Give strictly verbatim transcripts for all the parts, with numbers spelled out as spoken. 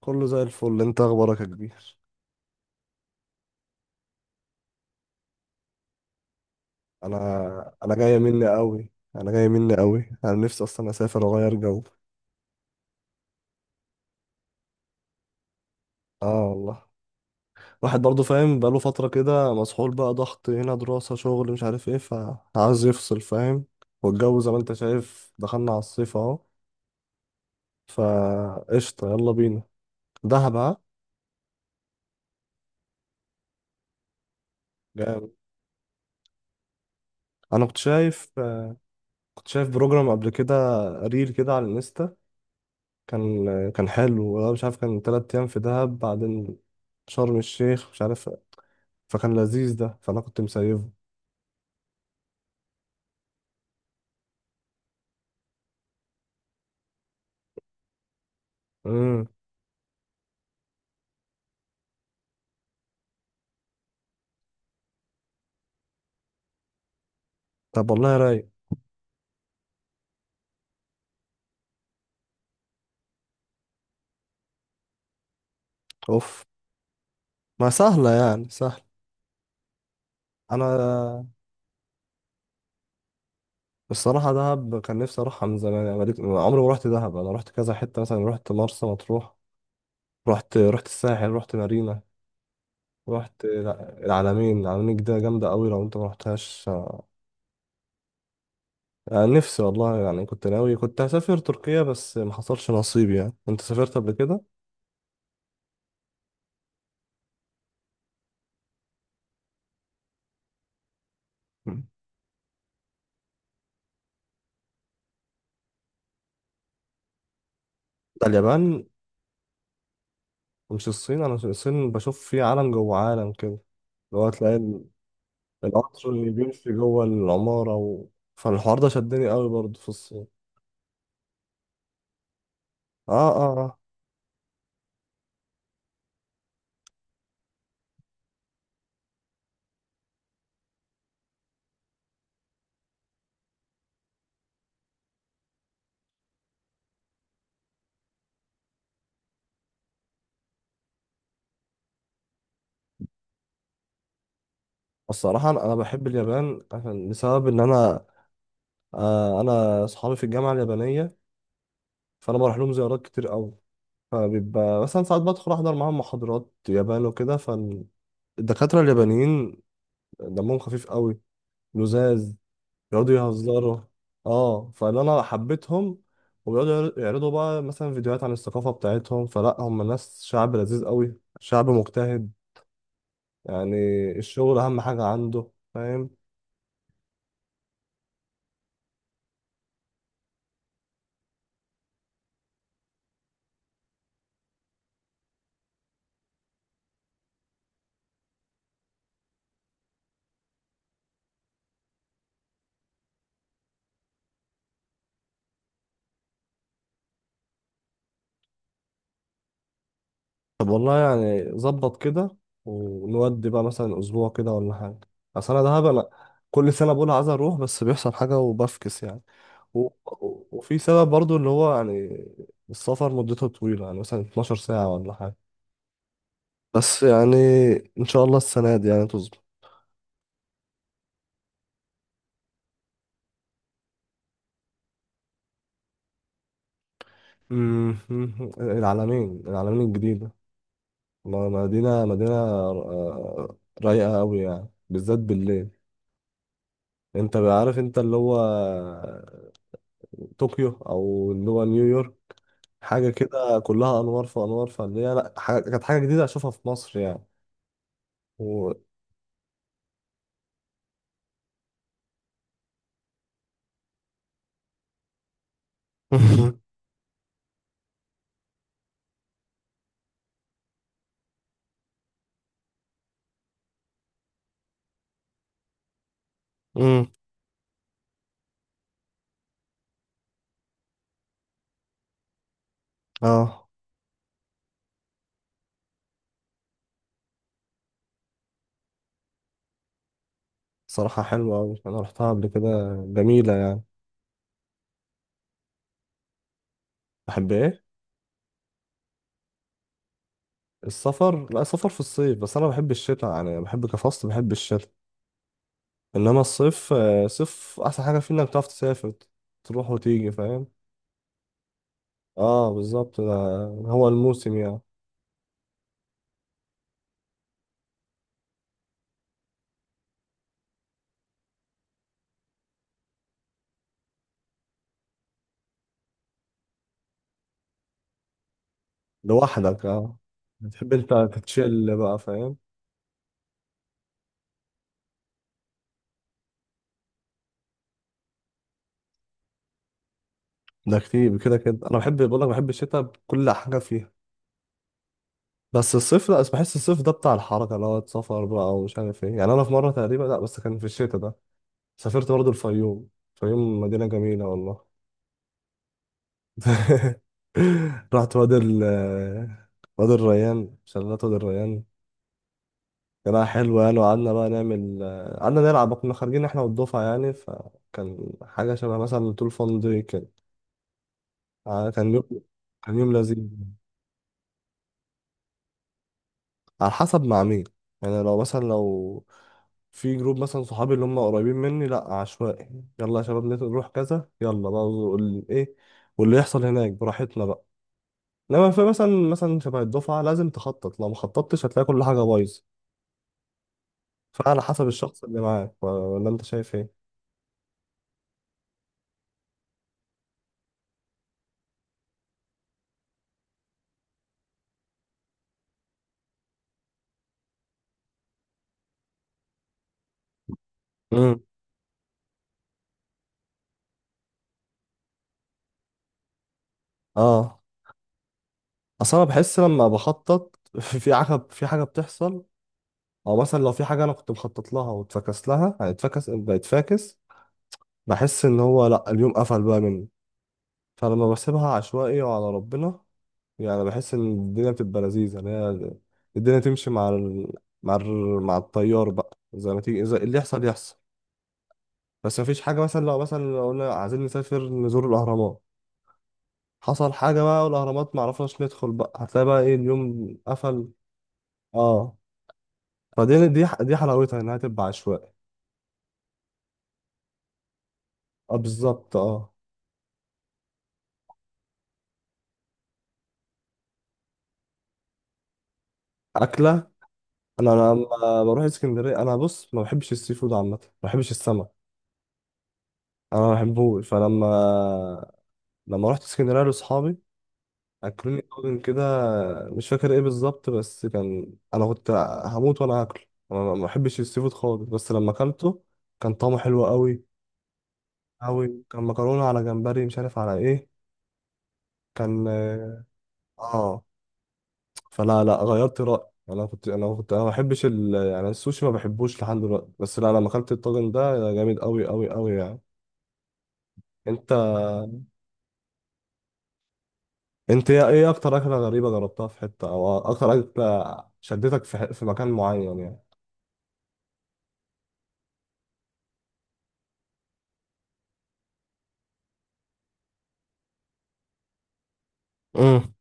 كله زي الفل. انت اخبارك يا كبير؟ انا انا جايه مني قوي، انا جايه مني قوي، انا نفسي اصلا اسافر واغير جو. اه والله. واحد برضه فاهم، بقاله فتره كده مسحول، بقى ضغط هنا، دراسه، شغل، مش عارف ايه، فعاوز يفصل، فاهم؟ والجو زي ما انت شايف دخلنا على الصيف اهو. فقشطه يلا بينا. دهب، ها؟ جامد. انا كنت شايف، كنت شايف بروجرام قبل كده، ريل كده على الانستا، كان، كان حلو والله. مش عارف، كان تلات ايام في دهب، بعدين شرم الشيخ، مش عارف. فكان لذيذ ده، فانا كنت مسيبه. امم طب والله رايق. اوف. ما سهله يعني، سهل. انا الصراحه دهب كان نفسي اروحها من زمان، يعني بقالي- عمري ما رحت دهب. انا رحت كذا حته، مثلا رحت مرسى مطروح، رحت رحت الساحل، رحت مارينا، رحت الع- العلمين. العلمين دي جامده قوي لو انت ما رحتهاش. أنا نفسي والله، يعني كنت ناوي، كنت هسافر تركيا بس ما حصلش نصيب. يعني انت سافرت قبل كده؟ مم. ده اليابان ومش الصين. انا الصين بشوف فيه عالم جوه عالم كده، اللي هو تلاقي القطر اللي بيمشي جوه العمارة و... فالحوار ده شدني قوي برضه في الصين. اه اه اه. الصراحة، أنا أنا بحب اليابان عشان، بسبب إن أنا، آه أنا أصحابي في الجامعة اليابانية، فأنا بروح لهم زيارات كتير قوي. فبيبقى مثلا ساعات بدخل أحضر معاهم محاضرات يابان وكده، فالدكاترة اليابانيين دمهم خفيف قوي، لزاز، بيقعدوا يهزروا. اه، فاللي انا حبيتهم، وبيقعدوا يعر- يعرضوا بقى مثلا فيديوهات عن الثقافة بتاعتهم. فلا هم ناس، شعب لذيذ قوي، شعب مجتهد يعني. الشغل اهم حاجة عنده، فاهم؟ طب والله يعني ظبط كده. ونودي بقى مثلا اسبوع كده ولا حاجة. اصل انا دهب، انا كل سنة بقول عايز اروح بس بيحصل حاجة وبفكس يعني. و... و- وفي سبب برضو اللي هو يعني السفر مدته طويلة، يعني مثلا اتناشر ساعة ولا حاجة. بس يعني ان شاء الله السنه دي يعني تظبط. أمم، العلمين، العلمين الجديده، ما- مدينه مدينه آه، رايقه قوي يعني بالذات بالليل. انت عارف انت اللي هو طوكيو او اللي هو نيويورك، حاجه كده كلها انوار في انوار، فاللي هي لا، حاجة كانت، حاجه جديده اشوفها في مصر يعني. و... أمم، اه صراحه حلوه قوي، انا رحتها قبل كده، جميله يعني. بحب ايه؟ السفر؟ لا، سفر في الصيف، بس انا بحب الشتاء يعني، بحب كفصل بحب الشتاء. انما الصيف آه، صيف احسن حاجه فيه انك تعرف تسافر، تروح وتيجي، فاهم؟ اه بالظبط، ده هو الموسم يعني. لوحدك اه، بتحب انت تتشل بقى، فاهم؟ ده كتير كده كده، انا بحب، بقول لك بحب الشتاء بكل حاجه فيها. بس الصيف لا، بس بحس الصيف ده بتاع الحركه، اللي هو سفر بقى ومش عارف ايه. يعني انا في مره تقريبا، لا بس كان في الشتاء ده، سافرت برضه الفيوم. الفيوم مدينه جميله والله. رحت وادي ال وادي الريان، شلالات وادي الريان. كان حلو يعني، وقعدنا بقى نعمل، قعدنا نلعب، كنا خارجين احنا والدفعة يعني، فكان حاجة شبه مثلا طول فان دي كده. آه، كان يوم، كان يوم لذيذ. على حسب مع مين، يعني لو مثلا، لو في جروب مثلا صحابي اللي هم قريبين مني، لا عشوائي يلا يا شباب نت- نروح كذا، يلا بقى وال- ايه، واللي يحصل هناك براحتنا بقى. انما في مثلا، مثلا شبه الدفعه لازم تخطط، لو ما خططتش هتلاقي كل حاجه بايظه. فعلى حسب الشخص اللي معاك، ولا انت شايف ايه؟ امم اه. اصل انا بحس لما بخطط في حاجه، في حاجه بتحصل، او مثلا لو في حاجه انا كنت مخطط لها واتفكس لها، يعني اتفكس بقت فاكس. بحس ان هو لا، اليوم قفل بقى مني. فلما بسيبها عشوائي وعلى ربنا، يعني بحس ان الدنيا بتبقى لذيذه، اللي هي الدنيا تمشي مع ال... مع ال... مع التيار بقى، زي ما تيجي، زي اللي يحصل يحصل. بس مفيش حاجة، مثلا لو، مثلا لو قلنا عايزين نسافر نزور الأهرامات، حصل حاجة بقى والأهرامات معرفناش ندخل، بقى هتلاقي بقى إيه، اليوم قفل. اه فدي، دي دي حلاوتها إنها تبقى عشوائي. اه بالظبط اه. أكلة، أنا أنا لما بروح اسكندرية، أنا بص ما بحبش السي فود عامة، ما بحبش السمك، أنا ما بحبوش. فلما، لما رحت اسكندرية لأصحابي، اكلوني طاجن كده، مش فاكر ايه بالظبط، بس كان، انا كنت هموت وانا اكله. انا ما ما بحبش السي فود خالص، بس لما اكلته كان طعمه حلو قوي قوي. كان مكرونه على جمبري مش عارف على ايه، كان، اه. فلا لا، غيرت رايي. انا كنت، انا كنت، انا ما بحبش ال... يعني السوشي ما بحبوش لحد دلوقتي، بس لا لما اكلت الطاجن ده جامد قوي قوي قوي يعني. انت، انت ايه إيه اكتر اكله غريبه جربتها في حته، او اكتر اكله شدتك في ح- في مكان معين يعني؟ امم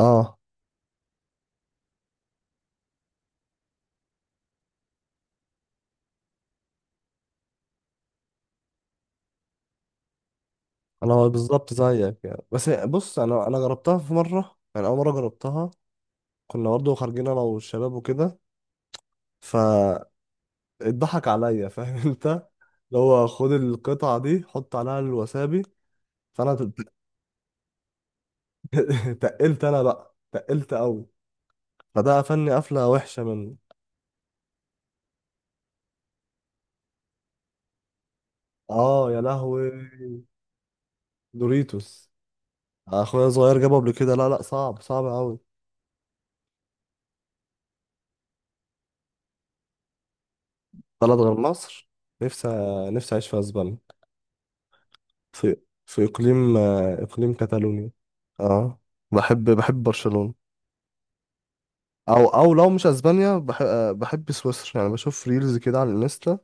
اه. انا هو بالظبط زيك يعني، بس بص انا، انا جربتها في مره، يعني اول مره جربتها كنا برضه خارجين انا والشباب وكده، فاتضحك عليا فاهم انت اللي هو خد القطعه دي حط عليها الوسابي، فانا تقلت، انا بقى تقلت قوي، فده قفلني قفله وحشه منه. اه يا لهوي. دوريتوس، اخويا صغير جابه قبل كده، لا لا صعب صعب قوي. بلد غير مصر؟ نفسي، نفسي اعيش في اسبانيا. في، في اقليم آه، اقليم كاتالونيا. اه، بحب، بحب برشلونة. او، او لو مش اسبانيا، بحب، بحب سويسرا يعني. بشوف ريلز كده على الانستا،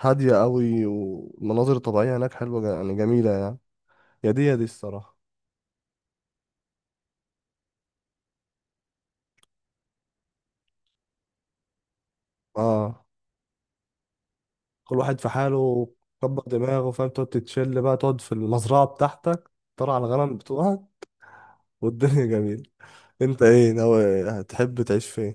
هادية قوي، والمناظر الطبيعية هناك حلوة جا- يعني جميلة يعني. يا دي يا دي الصراحة. اه كل واحد في حاله، كبر دماغه فاهم، تقعد تتشل بقى، تقعد في المزرعة بتاعتك، ترعى على الغنم بتوعك، والدنيا جميلة. انت ايه ناوي، هتحب تعيش فين؟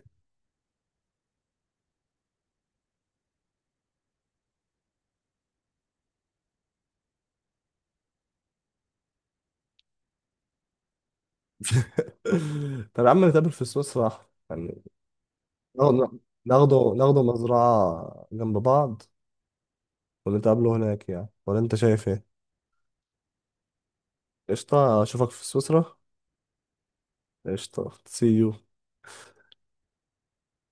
طب يا عم نتقابل في سويسرا يعني. ناخده، ناخده ناخده مزرعة جنب بعض ونتقابله هناك يعني، ولا انت شايف ايه؟ قشطة، اشوفك في سويسرا. قشطة، سي يو.